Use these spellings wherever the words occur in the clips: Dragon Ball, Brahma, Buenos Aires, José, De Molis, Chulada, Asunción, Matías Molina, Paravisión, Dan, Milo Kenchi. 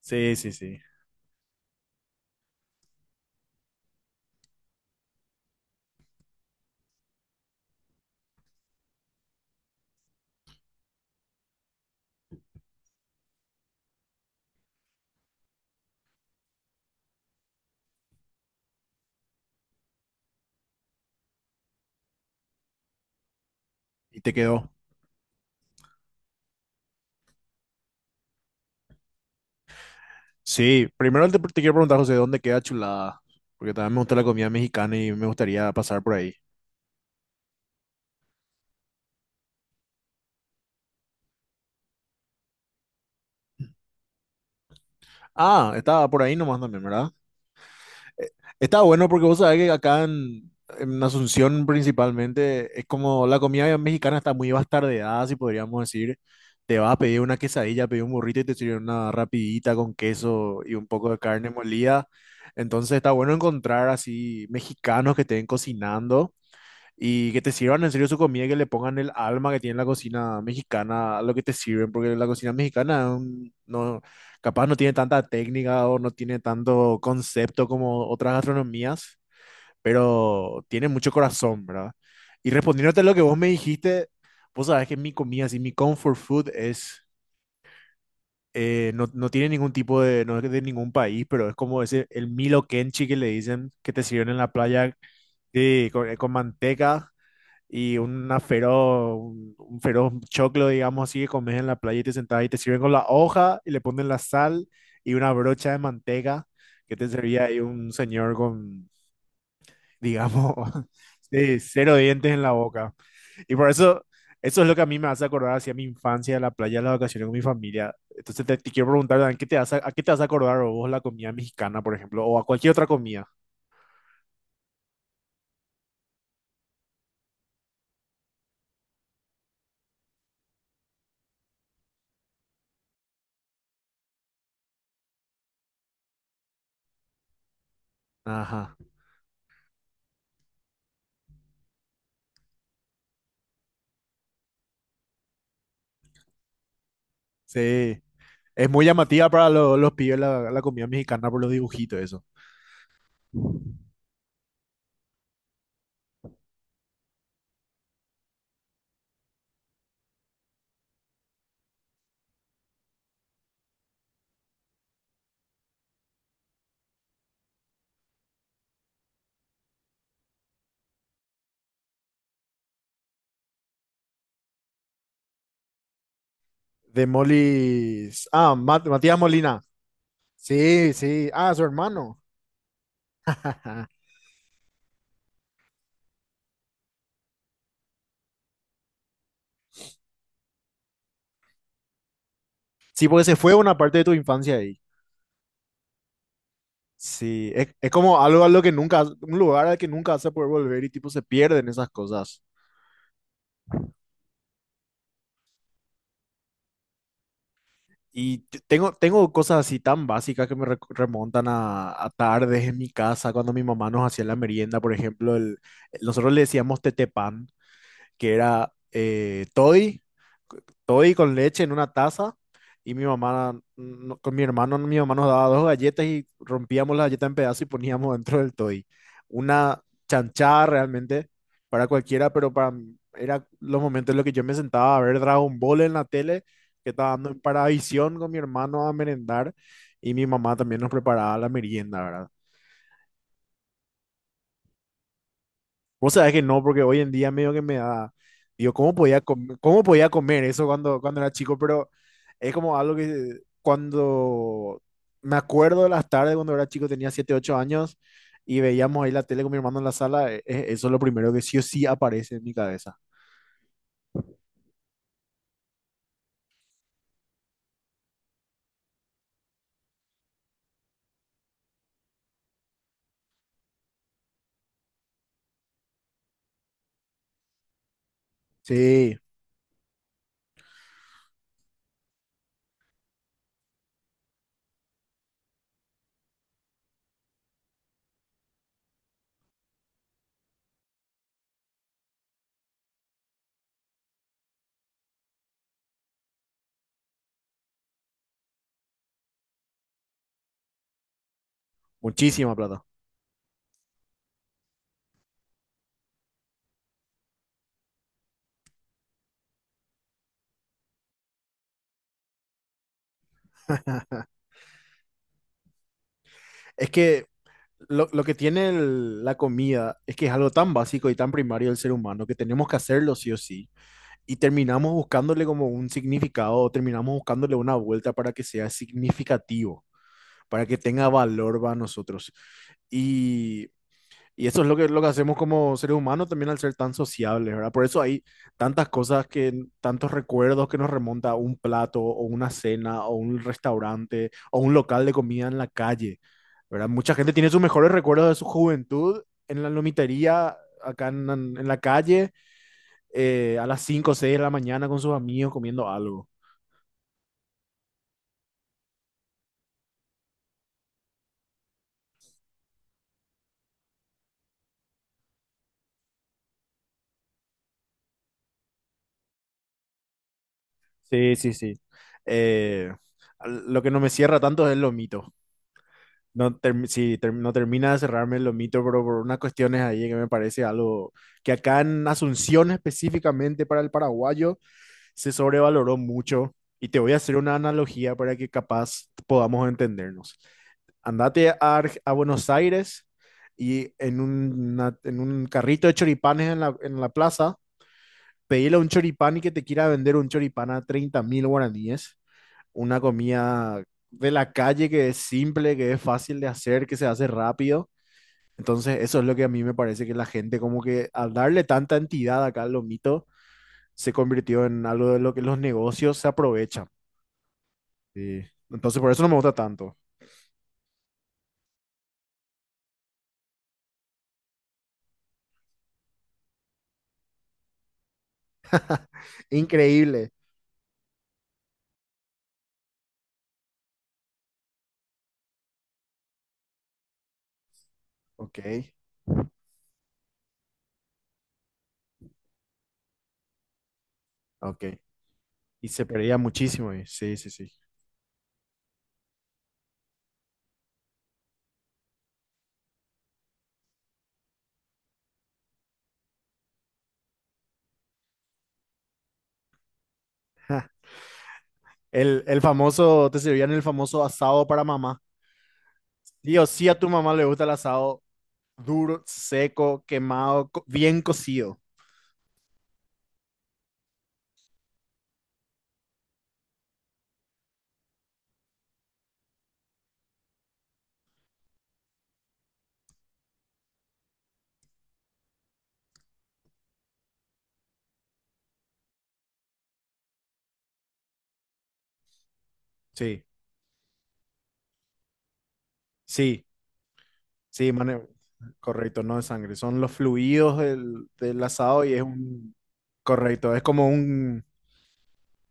Sí, sí, sí. Y te quedó. Sí, primero te quiero preguntar, José, ¿dónde queda Chulada? Porque también me gusta la comida mexicana y me gustaría pasar por ahí. Ah, estaba por ahí nomás también, ¿verdad? Eh, Está bueno porque vos sabés que acá en Asunción principalmente es como la comida mexicana está muy bastardeada, si podríamos decir. Te vas a pedir una quesadilla, pedir un burrito y te sirven una rapidita con queso y un poco de carne molida. Entonces está bueno encontrar así mexicanos que estén cocinando y que te sirvan en serio su comida, que le pongan el alma que tiene la cocina mexicana a lo que te sirven, porque la cocina mexicana no, capaz no tiene tanta técnica o no tiene tanto concepto como otras gastronomías, pero tiene mucho corazón, ¿verdad? Y respondiéndote a lo que vos me dijiste, vos sabés que mi comida, así, mi comfort food es, no, no tiene ningún tipo de, no es de ningún país, pero es como ese, el Milo Kenchi que le dicen que te sirven en la playa, sí, con manteca y una feroz, un feroz choclo, digamos así, que comes en la playa y te sentás y te sirven con la hoja y le ponen la sal y una brocha de manteca que te servía ahí un señor con, digamos, sí, cero dientes en la boca. Y por eso, eso es lo que a mí me hace acordar hacia mi infancia, la playa, las vacaciones con mi familia. Entonces te quiero preguntar, Dan, ¿qué te hace, a qué te hace acordar vos la comida mexicana, por ejemplo, o a cualquier otra comida? Ajá. Sí. Es muy llamativa para los pibes la comida mexicana por los dibujitos, eso. De Molis. Ah, Matías Molina. Sí, sí. Ah, su hermano. Sí, porque se fue una parte de tu infancia ahí. Sí, es como algo a lo que nunca, un lugar al que nunca vas a poder volver y tipo se pierden esas cosas. Y tengo cosas así tan básicas que me remontan a tardes en mi casa, cuando mi mamá nos hacía la merienda, por ejemplo, nosotros le decíamos tetepán, que era toddy con leche en una taza. Y mi mamá, con mi hermano, mi mamá nos daba dos galletas y rompíamos la galleta en pedazos y poníamos dentro del toddy. Una chanchada realmente para cualquiera, pero para mí era los momentos en los que yo me sentaba a ver Dragon Ball en la tele, que estaba dando en Paravisión con mi hermano a merendar. Y mi mamá también nos preparaba la merienda, ¿verdad? Vos sabés que no, porque hoy en día medio que me da, digo, ¿cómo podía comer eso cuando, cuando era chico? Pero es como algo que cuando me acuerdo de las tardes cuando era chico, tenía 7 8 años y veíamos ahí la tele con mi hermano en la sala, eso es lo primero que sí o sí aparece en mi cabeza. Sí, muchísima plata. Es que lo que tiene la comida es que es algo tan básico y tan primario del ser humano que tenemos que hacerlo sí o sí y terminamos buscándole como un significado o terminamos buscándole una vuelta para que sea significativo, para que tenga valor para nosotros. Y y eso es lo que hacemos como seres humanos también al ser tan sociables, ¿verdad? Por eso hay tantas cosas que, tantos recuerdos que nos remonta a un plato o una cena o un restaurante o un local de comida en la calle, ¿verdad? Mucha gente tiene sus mejores recuerdos de su juventud en la lomitería, acá en la calle, a las 5 o 6 de la mañana con sus amigos comiendo algo. Sí, sí, sí. Eh, lo que no me cierra tanto es el lomito. No termina de cerrarme el lomito, pero por unas cuestiones ahí que me parece algo que acá en Asunción específicamente para el paraguayo se sobrevaloró mucho. Y te voy a hacer una analogía para que capaz podamos entendernos. Andate a, a Buenos Aires y en, un, en un carrito de choripanes en la plaza, pedile a un choripán y que te quiera vender un choripán a 30.000 guaraníes, una comida de la calle que es simple, que es fácil de hacer, que se hace rápido. Entonces, eso es lo que a mí me parece que la gente, como que al darle tanta entidad acá al lomito, se convirtió en algo de lo que los negocios se aprovechan. Sí. Entonces, por eso no me gusta tanto. Increíble. Ok, ok. Y se perdía muchísimo. Sí, sí, sí. El famoso, te servían el famoso asado para mamá. Dios, sí, a tu mamá le gusta el asado duro, seco, quemado, bien cocido. Sí. Sí, sí, correcto, no de sangre, son los fluidos del, del asado y es un, correcto, es como un,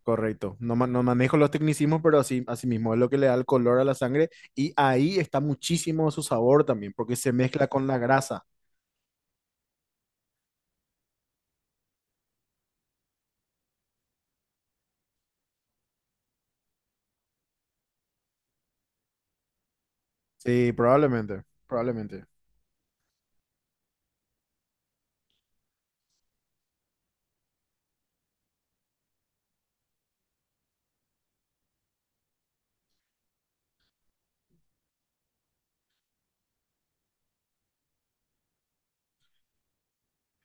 correcto, no, no manejo los tecnicismos, pero así, así mismo es lo que le da el color a la sangre y ahí está muchísimo su sabor también, porque se mezcla con la grasa. Sí, probablemente, probablemente.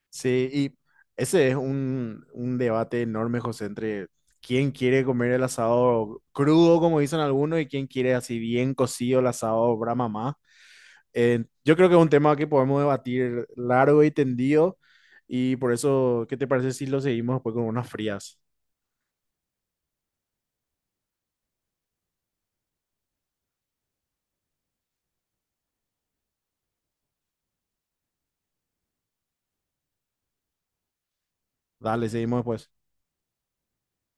Sí, y ese es un debate enorme, José, entre quién quiere comer el asado crudo, como dicen algunos, y quién quiere así bien cocido el asado Brahma más. Yo creo que es un tema que podemos debatir largo y tendido, y por eso, ¿qué te parece si lo seguimos después con unas frías? Dale, seguimos después.